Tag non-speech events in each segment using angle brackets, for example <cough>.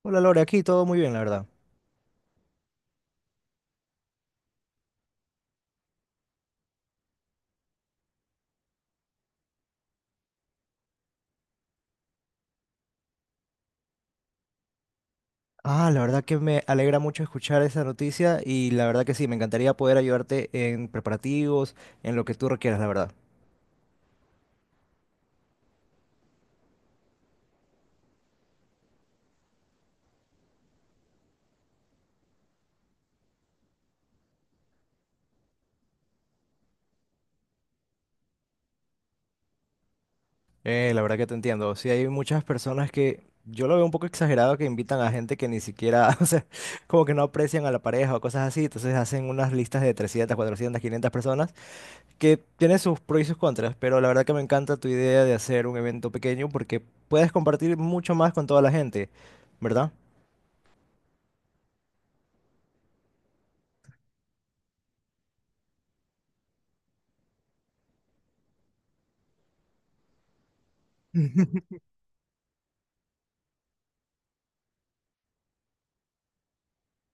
Hola Lore, aquí todo muy bien, la verdad. La verdad que me alegra mucho escuchar esa noticia y la verdad que sí, me encantaría poder ayudarte en preparativos, en lo que tú requieras, la verdad. La verdad que te entiendo. Sí, hay muchas personas que yo lo veo un poco exagerado que invitan a gente que ni siquiera, <laughs> o sea, como que no aprecian a la pareja o cosas así, entonces hacen unas listas de 300, 400, 500 personas que tienen sus pros y sus contras, pero la verdad que me encanta tu idea de hacer un evento pequeño porque puedes compartir mucho más con toda la gente, ¿verdad?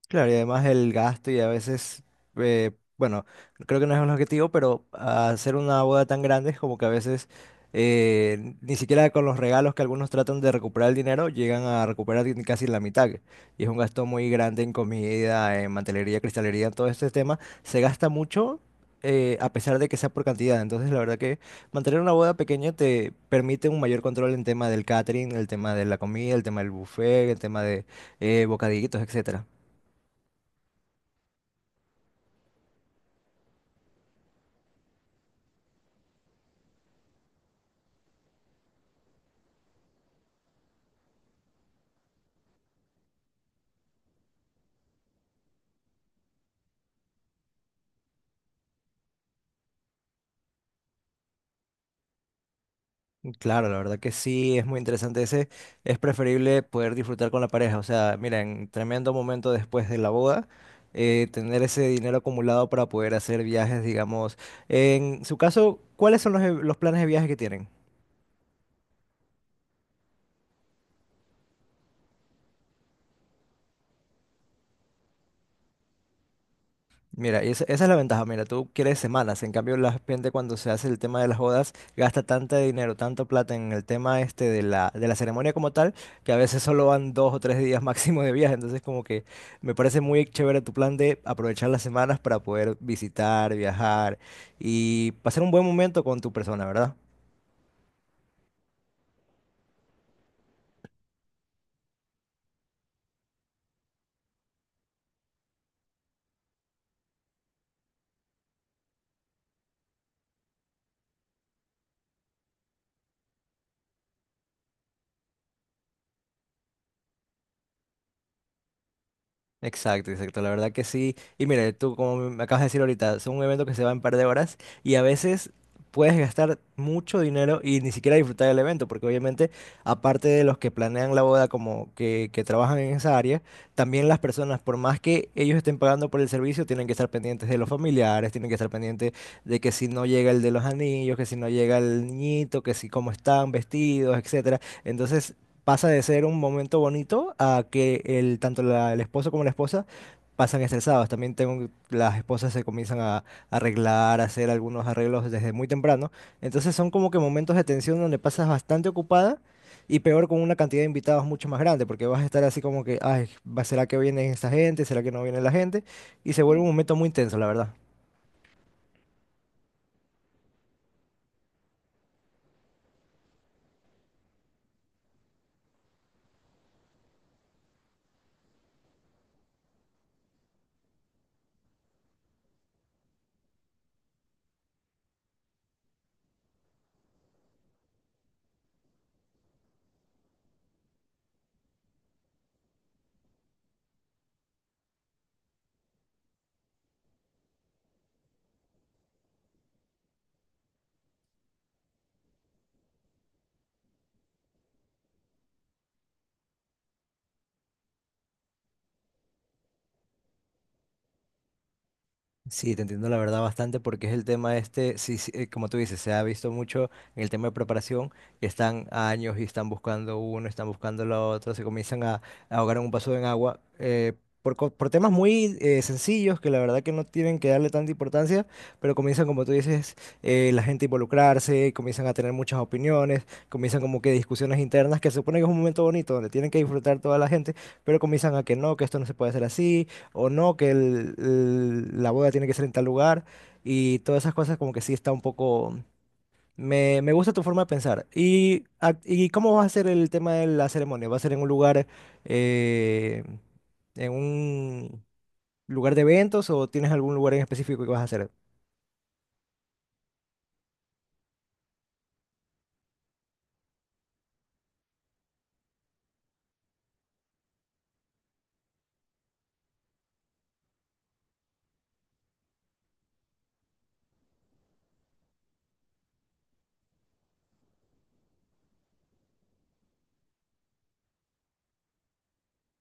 Claro, y además el gasto y a veces, eh, bueno, creo que no es un objetivo, pero hacer una boda tan grande es como que a veces ni siquiera con los regalos que algunos tratan de recuperar el dinero, llegan a recuperar ni casi la mitad. Y es un gasto muy grande en comida, en mantelería, cristalería, en todo este tema. Se gasta mucho a pesar de que sea por cantidad. Entonces, la verdad que mantener una boda pequeña te permite un mayor control en tema del catering, el tema de la comida, el tema del buffet, el tema de bocadillitos, etc. Claro, la verdad que sí, es muy interesante ese. Es preferible poder disfrutar con la pareja. O sea, miren, tremendo momento después de la boda, tener ese dinero acumulado para poder hacer viajes, digamos. En su caso, ¿cuáles son los, los planes de viaje que tienen? Mira, y esa es la ventaja. Mira, tú quieres semanas. En cambio, la gente cuando se hace el tema de las bodas gasta tanto dinero, tanto plata en el tema este de la ceremonia como tal, que a veces solo van dos o tres días <laughs> máximo de viaje. Entonces, como que me parece muy chévere tu plan de aprovechar las semanas para poder visitar, viajar y pasar un buen momento con tu persona, ¿verdad? Exacto, exacto, la verdad que sí. Y mire, tú como me acabas de decir ahorita, es un evento que se va en un par de horas y a veces puedes gastar mucho dinero y ni siquiera disfrutar del evento, porque obviamente aparte de los que planean la boda como que trabajan en esa área, también las personas, por más que ellos estén pagando por el servicio, tienen que estar pendientes de los familiares, tienen que estar pendientes de que si no llega el de los anillos, que si no llega el niñito, que si cómo están vestidos, etcétera. Entonces pasa de ser un momento bonito a que el, tanto el esposo como la esposa pasan estresados. También tengo, las esposas se comienzan a, arreglar, a hacer algunos arreglos desde muy temprano. Entonces son como que momentos de tensión donde pasas bastante ocupada y peor con una cantidad de invitados mucho más grande, porque vas a estar así como que, ay, ¿será que viene esta gente? ¿Será que no viene la gente? Y se vuelve un momento muy intenso, la verdad. Sí, te entiendo la verdad bastante porque es el tema este, sí, sí, como tú dices, se ha visto mucho en el tema de preparación, que están a años y están buscando uno, están buscando lo otro, se comienzan a ahogar en un vaso de agua por, por temas muy sencillos que la verdad que no tienen que darle tanta importancia, pero comienzan, como tú dices, la gente a involucrarse, comienzan a tener muchas opiniones, comienzan como que discusiones internas, que se supone que es un momento bonito donde tienen que disfrutar toda la gente, pero comienzan a que no, que esto no se puede hacer así o no, que la boda tiene que ser en tal lugar y todas esas cosas como que sí está un poco... Me gusta tu forma de pensar. ¿Y, y cómo va a ser el tema de la ceremonia? ¿Va a ser eh, en un lugar de eventos o tienes algún lugar en específico que vas a hacer?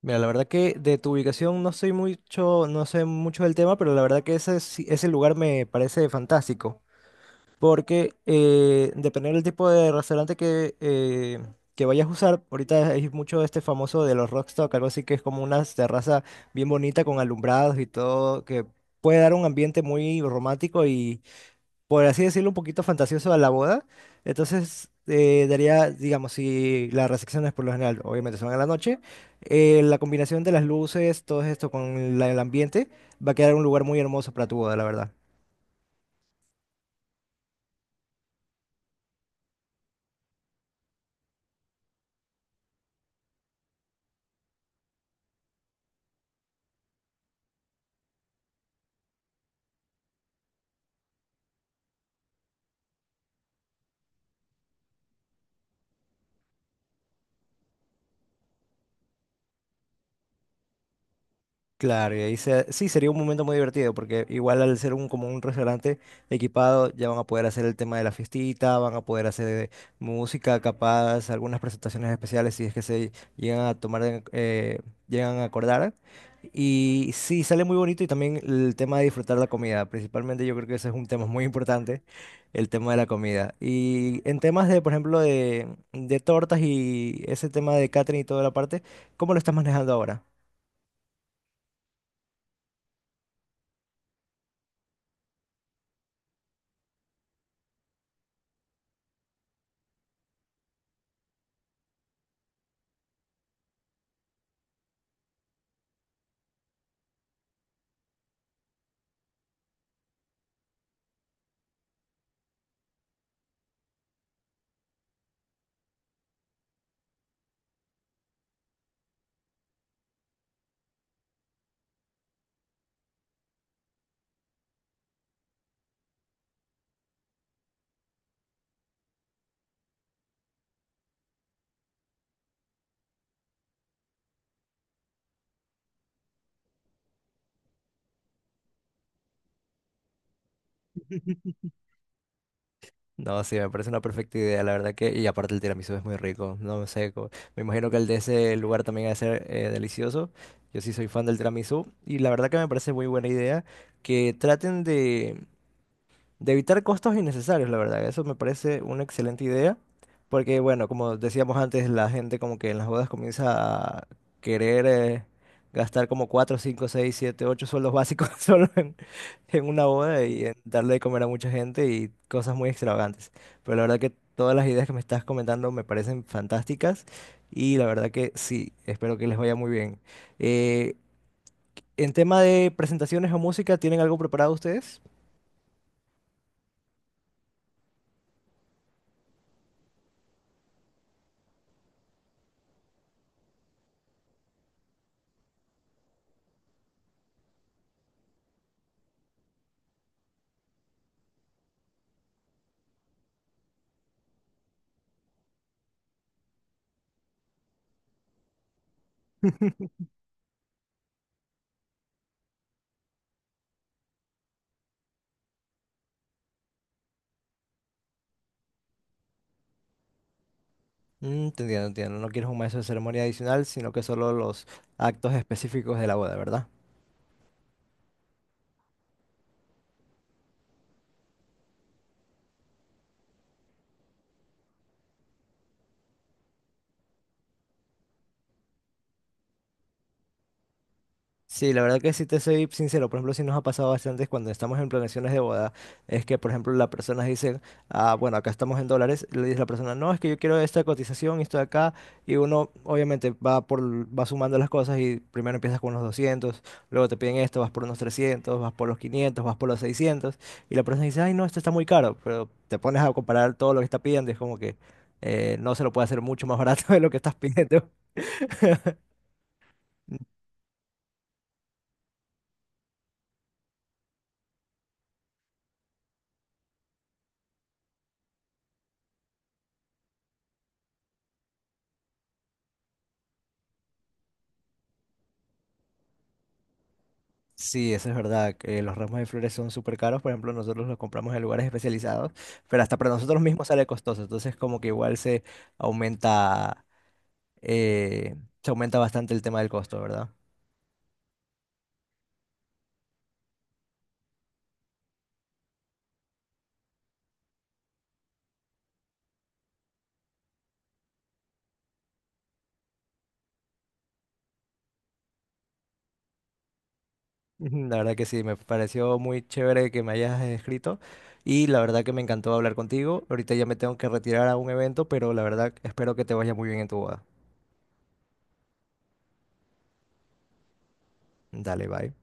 Mira, la verdad que de tu ubicación no soy mucho, no sé mucho del tema, pero la verdad que ese, ese lugar me parece fantástico. Porque dependiendo del tipo de restaurante que vayas a usar, ahorita hay mucho este famoso de los Rockstock, algo así que es como una terraza bien bonita con alumbrados y todo, que puede dar un ambiente muy romántico y, por así decirlo, un poquito fantasioso a la boda. Entonces, daría, digamos, si las recepciones por lo general, obviamente son en la noche, la combinación de las luces, todo esto con el ambiente, va a quedar un lugar muy hermoso para tu boda, la verdad. Claro, y ahí sí sería un momento muy divertido, porque igual al ser un como un restaurante equipado, ya van a poder hacer el tema de la fiestita, van a poder hacer música, capaz, algunas presentaciones especiales si es que se llegan a tomar, llegan a acordar. Y sí, sale muy bonito y también el tema de disfrutar la comida. Principalmente yo creo que ese es un tema muy importante, el tema de la comida. Y en temas de, por ejemplo, de tortas y ese tema de catering y toda la parte, ¿cómo lo estás manejando ahora? No, sí, me parece una perfecta idea, la verdad que, y aparte el tiramisú es muy rico, no sé, me imagino que el de ese lugar también va a ser delicioso, yo sí soy fan del tiramisú, y la verdad que me parece muy buena idea que traten de evitar costos innecesarios, la verdad. Eso me parece una excelente idea, porque bueno, como decíamos antes, la gente como que en las bodas comienza a querer gastar como 4, 5, 6, 7, 8 sueldos básicos <laughs> solo en una boda y en darle de comer a mucha gente y cosas muy extravagantes. Pero la verdad que todas las ideas que me estás comentando me parecen fantásticas y la verdad que sí, espero que les vaya muy bien. Eh, en tema de presentaciones o música, ¿tienen algo preparado ustedes? Mm, te entiendo, entiendo. No quieres un maestro de ceremonia adicional, sino que solo los actos específicos de la boda, ¿verdad? Sí, la verdad que si te soy sincero, por ejemplo, sí nos ha pasado bastante cuando estamos en planeaciones de boda, es que, por ejemplo, las personas dicen, ah, bueno, acá estamos en dólares, le dice la persona, no, es que yo quiero esta cotización y esto de acá, y uno obviamente va por, va sumando las cosas y primero empiezas con unos 200, luego te piden esto, vas por unos 300, vas por los 500, vas por los 600, y la persona dice, ay, no, esto está muy caro, pero te pones a comparar todo lo que está pidiendo, y es como que no se lo puede hacer mucho más barato <laughs> de lo que estás pidiendo. Sí, eso es verdad, que los ramos de flores son súper caros, por ejemplo, nosotros los compramos en lugares especializados, pero hasta para nosotros mismos sale costoso, entonces como que igual aumenta, eh, se aumenta bastante el tema del costo, ¿verdad? Ujú, la verdad que sí, me pareció muy chévere que me hayas escrito y la verdad que me encantó hablar contigo. Ahorita ya me tengo que retirar a un evento, pero la verdad espero que te vaya muy bien en tu boda. Dale, bye.